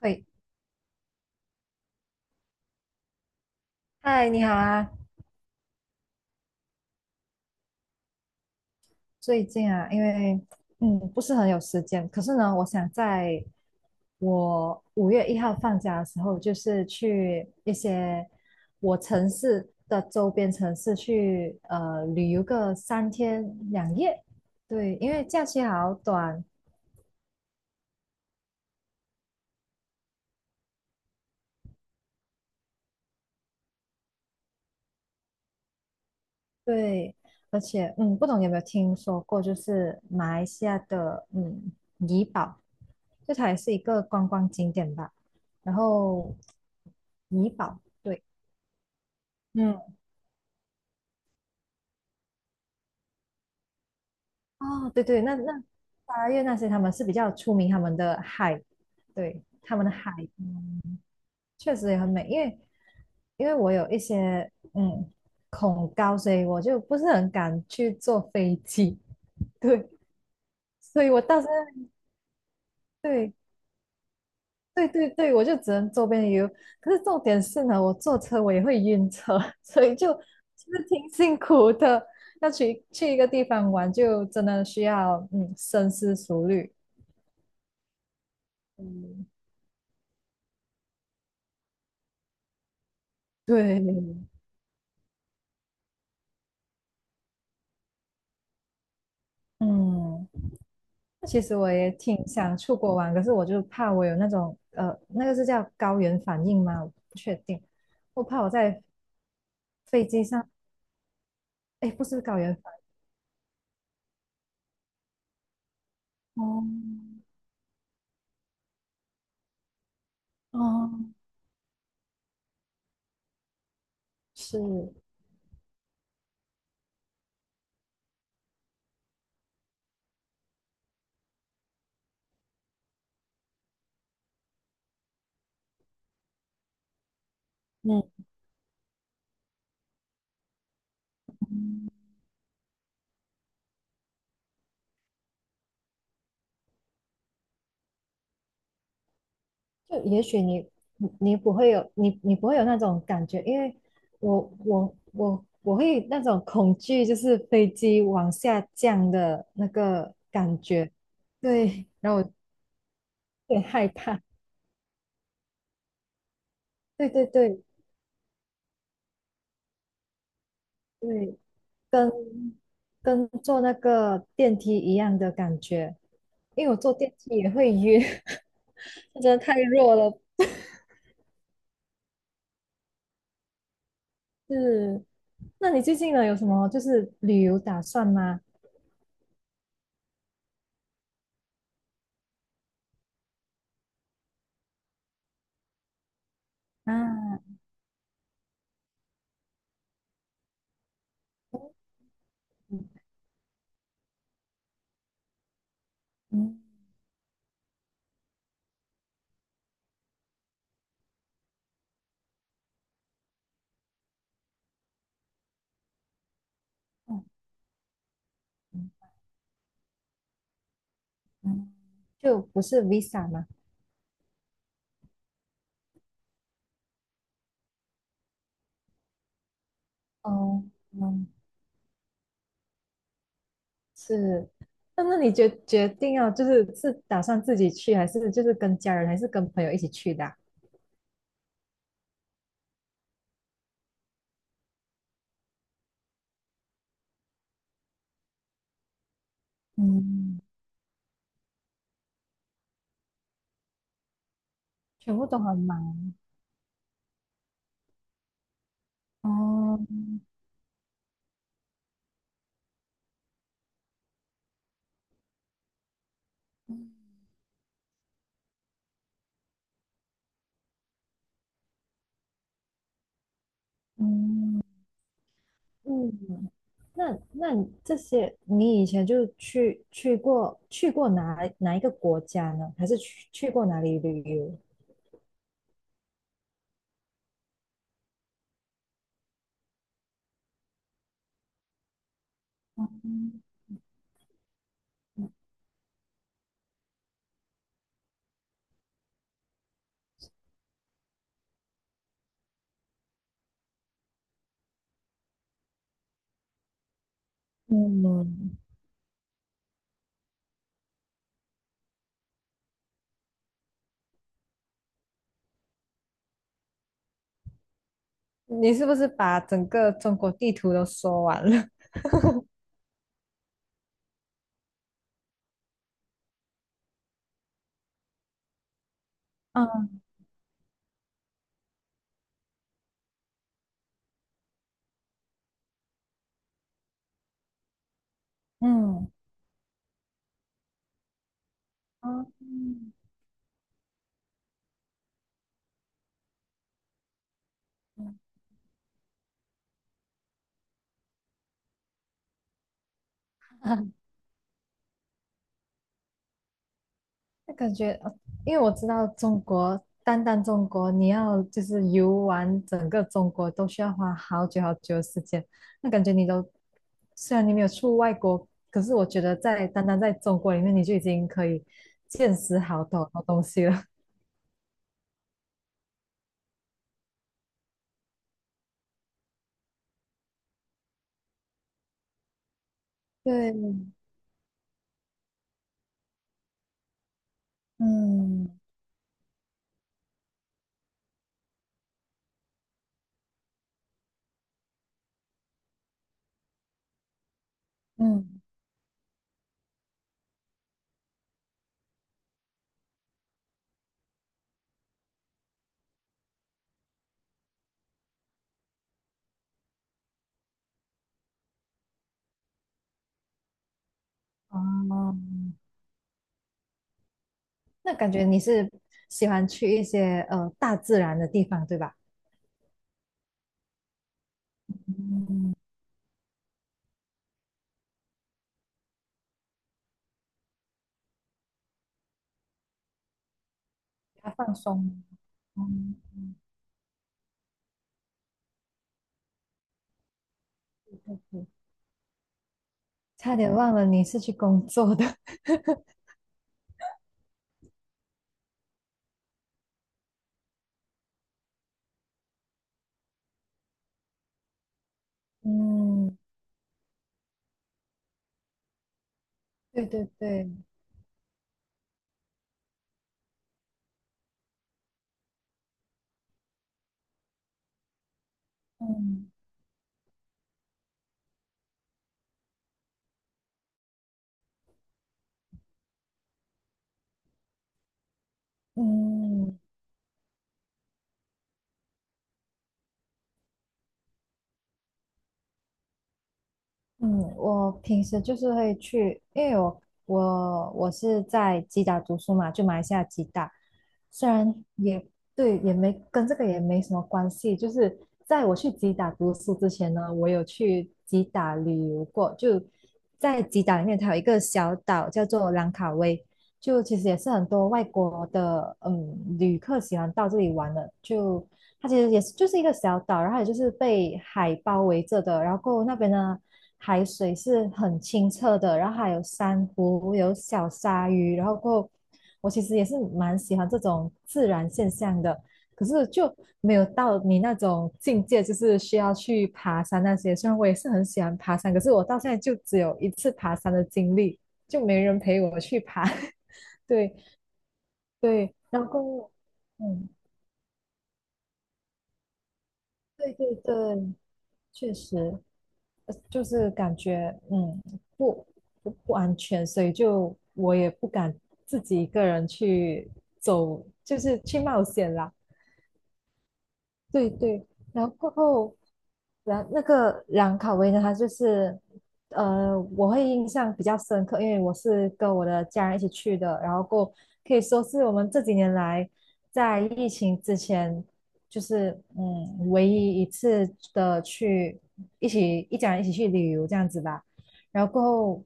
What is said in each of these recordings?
可以嗨，你好啊。最近啊，因为不是很有时间，可是呢，我想在我5月1号放假的时候，就是去一些我城市的周边城市去旅游个3天2夜。对，因为假期好短，对，而且，不懂你有没有听说过，就是马来西亚的怡保，就它也是一个观光景点吧。然后怡保，对，嗯，哦，对对，那8月那些他们是比较出名他们的海，对，他们的海，嗯，确实也很美。因为我有一些恐高，所以我就不是很敢去坐飞机，对，所以我到时在对。对对对，我就只能周边游。可是重点是呢，我坐车我也会晕车，所以就其实挺 辛苦的。要去一个地方玩，就真的需要深思熟虑。嗯，对，嗯，那其实我也挺想出国玩，可是我就怕我有那种那个是叫高原反应吗？我不确定，我怕我在飞机上，哎，不是高原反应，哦哦，是，嗯，就也许你不会有那种感觉，因为我会那种恐惧，就是飞机往下降的那个感觉，对，然后我有点害怕，对对对对，跟跟坐那个电梯一样的感觉，因为我坐电梯也会晕，真的太弱了，是。那你最近呢有什么就是旅游打算吗？啊，嗯嗯。哦嗯，就不是 Visa 吗？哦，嗯，是。那你决定要就是打算自己去，还是就是跟家人，还是跟朋友一起去的啊嗯，全部都很忙。哦，嗯嗯，那你这些你以前就去过哪一个国家呢？还是去过哪里旅游？嗯，嗯你是不是把整个中国地图都说完了？嗯嗯，哦，那感觉，因为我知道中国，单单中国，你要就是游玩整个中国都需要花好久好久的时间。那感觉你都，虽然你没有出外国，可是我觉得在单单在中国里面，你就已经可以见识好多好多东西了。对，嗯嗯，哦，那感觉你是喜欢去一些大自然的地方，对吧？嗯，比较放松。嗯嗯嗯差点忘了你是去工作的。嗯，对对对，嗯嗯，嗯，我平时就是会去，因为我是在吉打读书嘛，就马来西亚吉打，虽然也对，也没跟这个也没什么关系，就是在我去吉打读书之前呢，我有去吉打旅游过，就在吉打里面，它有一个小岛叫做兰卡威，就其实也是很多外国的旅客喜欢到这里玩的，就它其实也是就是一个小岛，然后也就是被海包围着的，然后那边呢，海水是很清澈的，然后还有珊瑚，有小鲨鱼，然后过后我其实也是蛮喜欢这种自然现象的，可是就没有到你那种境界，就是需要去爬山那些。虽然我也是很喜欢爬山，可是我到现在就只有一次爬山的经历，就没人陪我去爬。对对，然后嗯，对对对。确实，就是感觉不不安全，所以就我也不敢自己一个人去走，就是去冒险啦。对对，然后过后，那个兰卡威呢，它就是，我会印象比较深刻，因为我是跟我的家人一起去的，然后过后可以说是我们这几年来在疫情之前，就是唯一一次的去一起一家人一起去旅游这样子吧。然后过后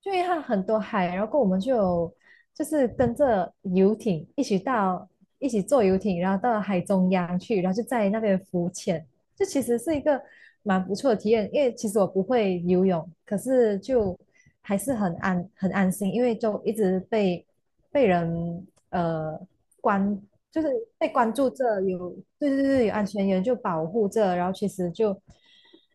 就因为它很多海，然后我们就有就是跟着游艇一起到一起坐游艇，然后到海中央去，然后就在那边浮潜，这其实是一个蛮不错的体验。因为其实我不会游泳，可是就还是很安心，因为就一直被人关，就是被关注着，有对对对，有安全员就保护着，然后其实就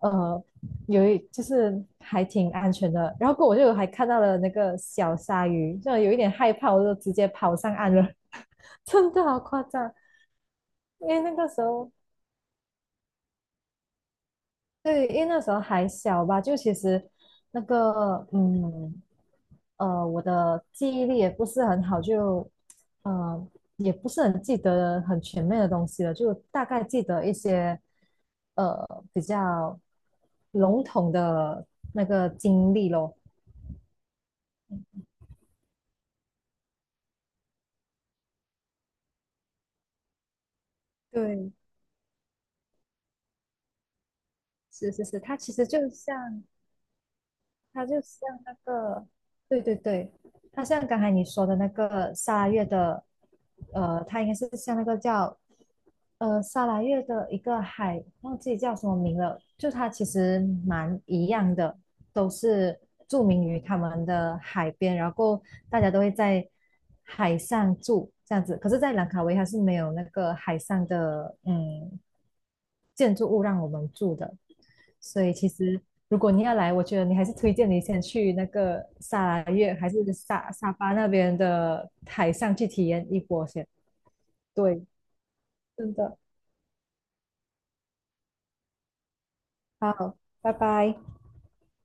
呃就是还挺安全的。然后过我就还看到了那个小鲨鱼，就有一点害怕，我就直接跑上岸了，真的好夸张。因为那个时候，对，因为那时候还小吧，就其实那个我的记忆力也不是很好，就呃也不是很记得很全面的东西了，就大概记得一些呃比较笼统的那个经历咯。对，是是是，它其实就像，它就像那个，对对对，它像刚才你说的那个沙拉月的，它应该是像那个叫，沙拉月的一个海，忘记叫什么名了，就它其实蛮一样的，都是著名于他们的海边，然后大家都会在海上住这样子，可是，在兰卡威它是没有那个海上的，建筑物让我们住的。所以其实如果你要来，我觉得你还是推荐你先去那个沙拉月，还是沙巴那边的海上去体验一波先。对，真的，好，拜拜。